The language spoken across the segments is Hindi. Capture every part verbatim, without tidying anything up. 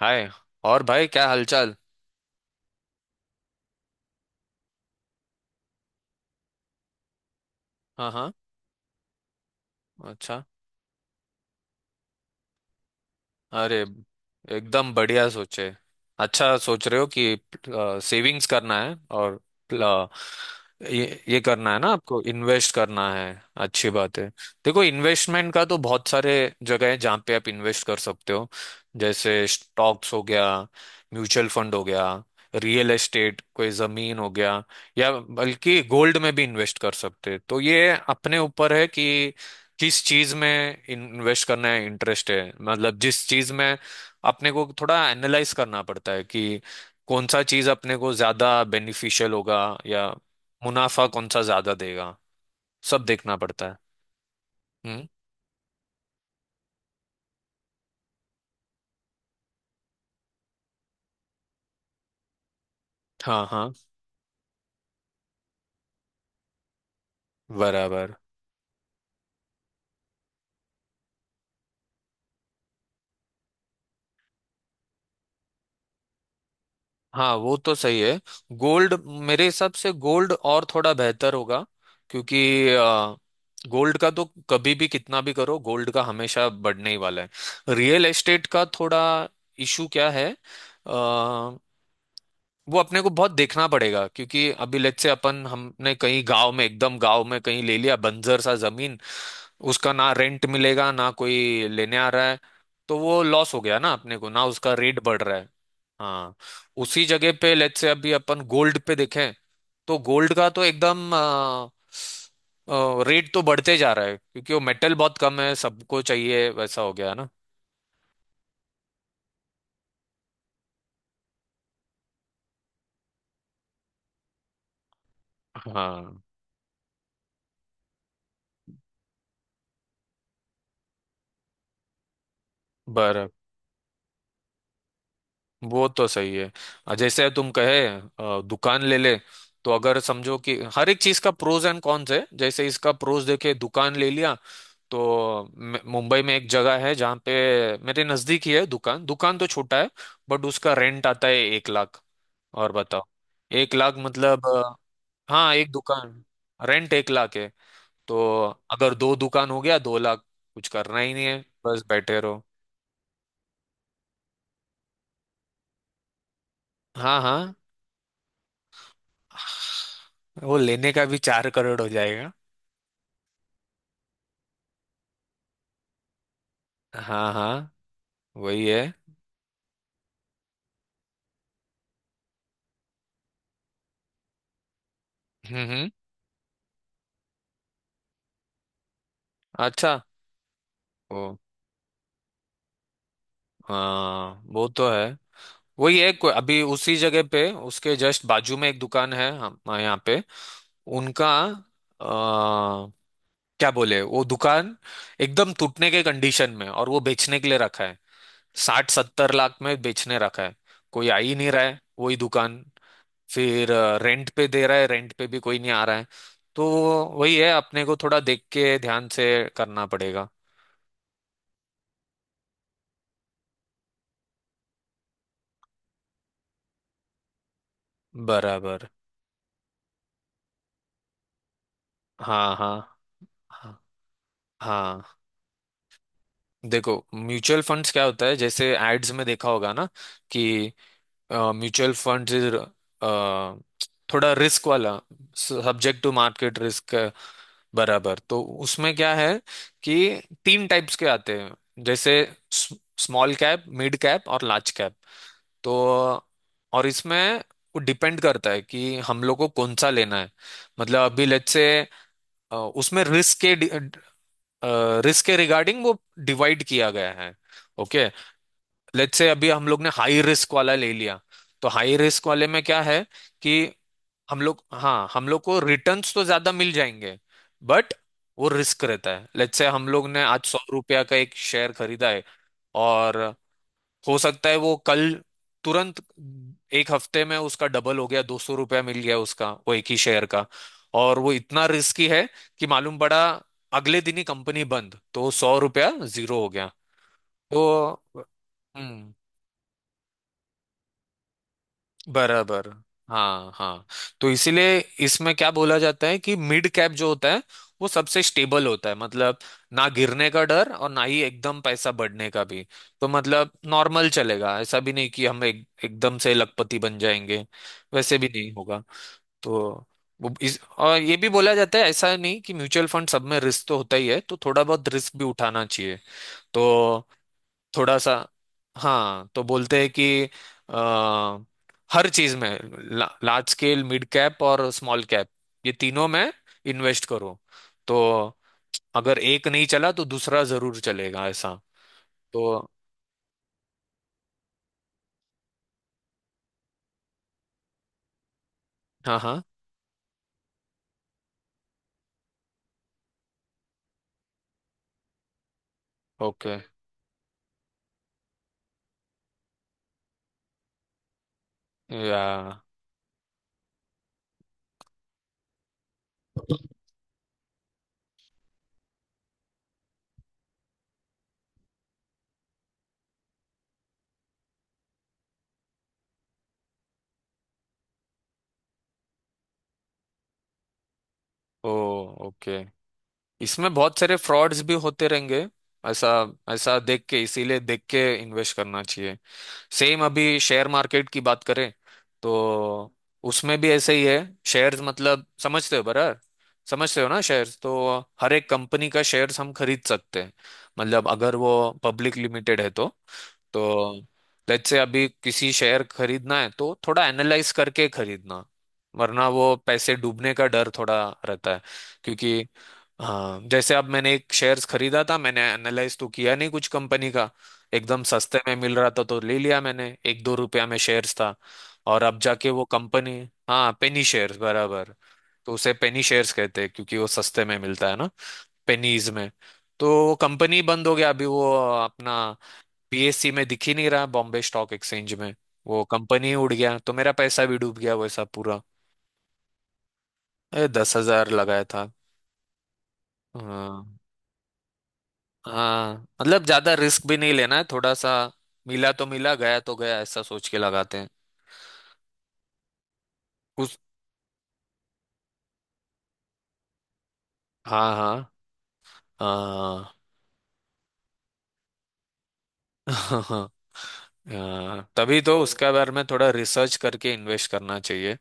हाय। और भाई, क्या हालचाल। हाँ, हाँ। अच्छा। अरे, एकदम बढ़िया सोचे। अच्छा, सोच रहे हो कि सेविंग्स करना है और आ, ये ये करना है ना, आपको इन्वेस्ट करना है। अच्छी बात है। देखो, इन्वेस्टमेंट का तो बहुत सारे जगह है जहाँ पे आप इन्वेस्ट कर सकते हो। जैसे स्टॉक्स हो गया, म्यूचुअल फंड हो गया, रियल एस्टेट कोई जमीन हो गया, या बल्कि गोल्ड में भी इन्वेस्ट कर सकते हैं। तो ये अपने ऊपर है कि जिस चीज में इन्वेस्ट करना है, इंटरेस्ट है मतलब जिस चीज में। अपने को थोड़ा एनालाइज करना पड़ता है कि कौन सा चीज अपने को ज्यादा बेनिफिशियल होगा, या मुनाफा कौन सा ज्यादा देगा, सब देखना पड़ता है। हम्म। हाँ, हाँ, बराबर। हाँ, वो तो सही है। गोल्ड, मेरे हिसाब से गोल्ड और थोड़ा बेहतर होगा, क्योंकि गोल्ड का तो कभी भी कितना भी करो, गोल्ड का हमेशा बढ़ने ही वाला है। रियल एस्टेट का थोड़ा इशू क्या है, वो अपने को बहुत देखना पड़ेगा क्योंकि अभी लेट से अपन हमने कहीं गांव में, एकदम गांव में कहीं ले लिया बंजर सा जमीन। उसका ना रेंट मिलेगा, ना कोई लेने आ रहा है। तो वो लॉस हो गया ना अपने को, ना उसका रेट बढ़ रहा है। हाँ। उसी जगह पे लेट से अभी अपन गोल्ड पे देखें, तो गोल्ड का तो एकदम अ, अ, रेट तो बढ़ते जा रहा है क्योंकि वो मेटल बहुत कम है, सबको चाहिए वैसा हो गया ना। हाँ। बर वो तो सही है। अ, जैसे तुम कहे अ, दुकान ले ले, तो अगर समझो कि हर एक चीज का प्रोज एंड कॉन्स है। जैसे इसका प्रोज देखे, दुकान ले लिया। तो म- मुंबई में एक जगह है जहाँ पे, मेरे नजदीक ही है दुकान। दुकान तो छोटा है, बट उसका रेंट आता है एक लाख। और बताओ, एक लाख मतलब अ, हाँ, एक दुकान। रेंट एक लाख है। तो अगर दो दुकान हो गया, दो लाख। कुछ करना ही नहीं है, बस बैठे रहो। हाँ, हाँ। वो लेने का भी चार करोड़ हो जाएगा। हाँ, हाँ, वही है। हम्म, हम्म। अच्छा। वो, हाँ वो तो है। वही है। को- अभी उसी जगह पे उसके जस्ट बाजू में एक दुकान है हम, हाँ, यहाँ पे। उनका आ, क्या बोले, वो दुकान एकदम टूटने के कंडीशन में, और वो बेचने के लिए रखा है। साठ सत्तर लाख में बेचने रखा है। कोई आ ही नहीं रहा है वही दुकान। फिर अ, रेंट पे दे रहा है, रेंट पे भी कोई नहीं आ रहा है तो। वही है, अपने को थोड़ा देख के ध्यान से करना पड़ेगा। बराबर। हाँ, हाँ, हाँ, हाँ। देखो, म्यूचुअल फंड्स क्या होता है, जैसे एड्स में देखा होगा ना कि म्यूचुअल फंड्स इज थोड़ा रिस्क वाला, सब्जेक्ट टू मार्केट रिस्क। बराबर। तो उसमें क्या है, कि तीन टाइप्स के आते हैं, जैसे स्मॉल कैप, मिड कैप और लार्ज कैप, तो। और इसमें वो डिपेंड करता है कि हम लोग को कौन सा लेना है। मतलब अभी लेट्स से उसमें रिस्क के रिस्क के रिगार्डिंग वो डिवाइड किया गया है। ओके, लेट्स से अभी हम लोग ने हाई रिस्क वाला ले लिया, तो हाई रिस्क वाले में क्या है कि हम लोग, हाँ, हम लोग को रिटर्न्स तो ज्यादा मिल जाएंगे, बट वो रिस्क रहता है। लेट्स से हम लोग ने आज सौ रुपया का एक शेयर खरीदा है, और हो सकता है वो कल, तुरंत, एक हफ्ते में उसका डबल हो गया, दो सौ रुपया मिल गया उसका, वो एक ही शेयर का। और वो इतना रिस्की है कि मालूम पड़ा अगले दिन ही कंपनी बंद, तो सौ रुपया जीरो हो गया, तो। हम्म, बराबर। हाँ, हाँ। तो इसीलिए इसमें क्या बोला जाता है कि मिड कैप जो होता है, वो सबसे स्टेबल होता है, मतलब ना गिरने का डर और ना ही एकदम पैसा बढ़ने का भी। तो मतलब नॉर्मल चलेगा, ऐसा भी नहीं कि हम एक, एकदम से लखपति बन जाएंगे। वैसे भी नहीं होगा। तो वो इस, और ये भी बोला जाता है, ऐसा नहीं कि म्यूचुअल फंड सब में रिस्क तो होता ही है, तो थोड़ा बहुत रिस्क भी उठाना चाहिए, तो। थोड़ा सा। हाँ, तो बोलते हैं कि आ, हर चीज में लार्ज स्केल, मिड कैप और स्मॉल कैप, ये तीनों में इन्वेस्ट करो, तो अगर एक नहीं चला तो दूसरा जरूर चलेगा, ऐसा तो। हाँ, हाँ। ओके। या, ओ, ओके। इसमें बहुत सारे फ्रॉड्स भी होते रहेंगे, ऐसा ऐसा देख के, इसीलिए देख के इन्वेस्ट करना चाहिए। सेम अभी शेयर मार्केट की बात करें, तो उसमें भी ऐसे ही है। शेयर्स मतलब समझते हो, बराबर, समझते हो ना शेयर्स, तो हर एक कंपनी का शेयर्स हम खरीद सकते हैं, मतलब अगर वो पब्लिक लिमिटेड है तो तो लेट्स से अभी किसी शेयर खरीदना है, तो थोड़ा एनालाइज करके खरीदना, वरना वो पैसे डूबने का डर थोड़ा रहता है क्योंकि, हाँ। जैसे अब मैंने एक शेयर्स खरीदा था, मैंने एनालाइज तो किया नहीं कुछ कंपनी का, एकदम सस्ते में मिल रहा था तो ले लिया मैंने, एक दो रुपया में शेयर्स था। और अब जाके वो कंपनी। हाँ, पेनी शेयर्स, बराबर। तो उसे पेनी शेयर्स कहते हैं, क्योंकि वो सस्ते में मिलता है ना, पेनीज में। तो वो कंपनी बंद हो गया अभी, वो अपना पी एस सी में दिख ही नहीं रहा, बॉम्बे स्टॉक एक्सचेंज में। वो कंपनी उड़ गया, तो मेरा पैसा भी डूब गया वैसा पूरा। अरे, दस हजार लगाया था। हाँ, हाँ, मतलब ज्यादा रिस्क भी नहीं लेना है, थोड़ा सा। मिला तो मिला, गया तो गया, ऐसा सोच के लगाते हैं। उस हाँ, हाँ, हाँ, हाँ। हाँ, तभी तो उसके बारे में थोड़ा रिसर्च करके इन्वेस्ट करना चाहिए।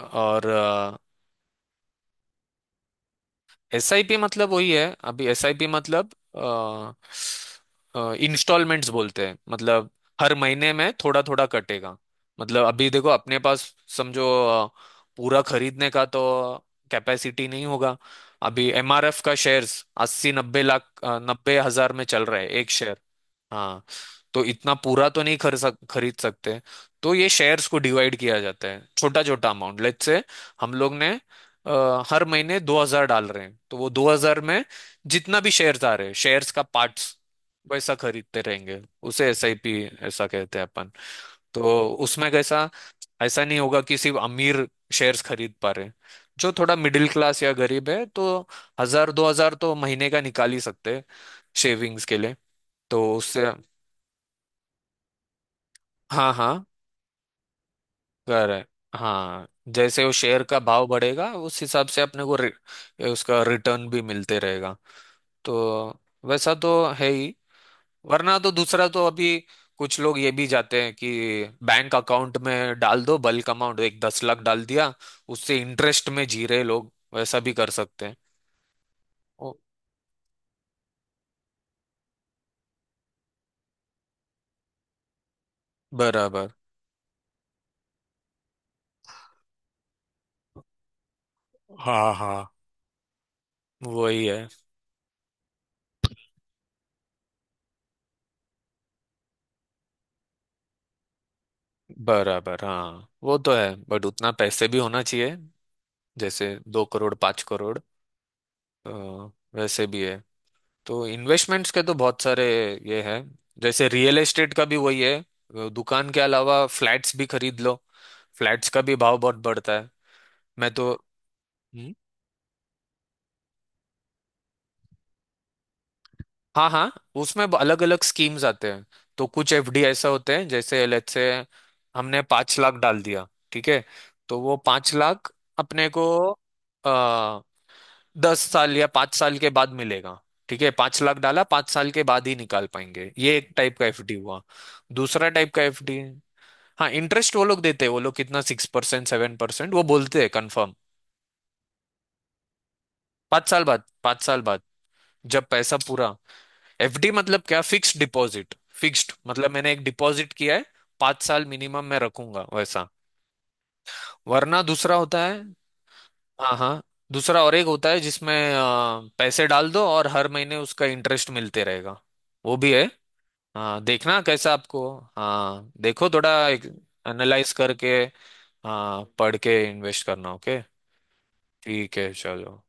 और, एस आई पी मतलब वही है। अभी एस आई पी मतलब इंस्टॉलमेंट्स बोलते हैं, मतलब हर महीने में थोड़ा थोड़ा कटेगा। मतलब अभी देखो अपने पास, समझो अ, पूरा खरीदने का तो कैपेसिटी नहीं होगा। अभी एम आर एफ का शेयर्स अस्सी नब्बे लाख, अ, नब्बे हजार में चल रहा है एक शेयर। हाँ, तो इतना पूरा तो नहीं खर सक, खरीद सकते। तो ये शेयर्स को डिवाइड किया जाता है, छोटा छोटा अमाउंट। लेट्स से हम लोग ने अ, हर महीने दो हज़ार डाल रहे हैं, तो वो दो हज़ार में जितना भी शेयर्स आ रहे हैं, शेयर्स का पार्ट्स वैसा खरीदते रहेंगे। उसे एस आई पी ऐसा कहते हैं अपन। तो उसमें कैसा, ऐसा नहीं होगा कि सिर्फ अमीर शेयर्स खरीद पा रहे हैं। जो थोड़ा मिडिल क्लास या गरीब है, तो हजार दो हजार तो महीने का निकाल ही सकते हैं, शेविंग्स के लिए। तो उससे, हाँ, हाँ, कर है। हाँ, जैसे वो शेयर का भाव बढ़ेगा, उस हिसाब से अपने को रि, उसका रिटर्न भी मिलते रहेगा। तो वैसा तो है ही। वरना तो दूसरा तो, अभी कुछ लोग ये भी जाते हैं कि बैंक अकाउंट में डाल दो बल्क अमाउंट, एक दस लाख डाल दिया, उससे इंटरेस्ट में जी रहे लोग वैसा भी कर सकते हैं। ओ, बराबर। हाँ, हाँ, वही है। बराबर, हाँ वो तो है, बट उतना पैसे भी होना चाहिए। जैसे दो करोड़ पांच करोड़, तो वैसे भी है। तो इन्वेस्टमेंट्स के तो बहुत सारे ये हैं, जैसे रियल एस्टेट का भी वही है, वो दुकान के अलावा फ्लैट्स भी खरीद लो। फ्लैट्स का भी भाव बहुत बढ़ता है। मैं तो, हाँ, हाँ, उसमें अलग अलग स्कीम्स आते हैं, तो कुछ एफडी ऐसा होते हैं, जैसे लेट्स से हमने पांच लाख डाल दिया, ठीक है, तो वो पांच लाख अपने को आ, दस साल या पांच साल के बाद मिलेगा। ठीक है, पांच लाख डाला, पांच साल के बाद ही निकाल पाएंगे, ये एक टाइप का एफडी हुआ। दूसरा टाइप का एफडी, हाँ, इंटरेस्ट वो लोग देते हैं, वो लोग कितना सिक्स परसेंट सेवन परसेंट वो बोलते हैं, कंफर्म। पांच साल बाद, पांच साल बाद, जब पैसा पूरा। एफडी मतलब क्या, फिक्स्ड डिपॉजिट। फिक्स्ड मतलब मैंने एक डिपॉजिट किया है, पांच साल मिनिमम मैं रखूंगा वैसा। वरना दूसरा होता है। हाँ, हाँ। दूसरा और एक होता है जिसमें अ, पैसे डाल दो और हर महीने उसका इंटरेस्ट मिलते रहेगा, वो भी है। हाँ, देखना कैसा आपको। हाँ, देखो थोड़ा एनालाइज करके। हाँ, पढ़ के इन्वेस्ट करना। ओके, ठीक है, चलो।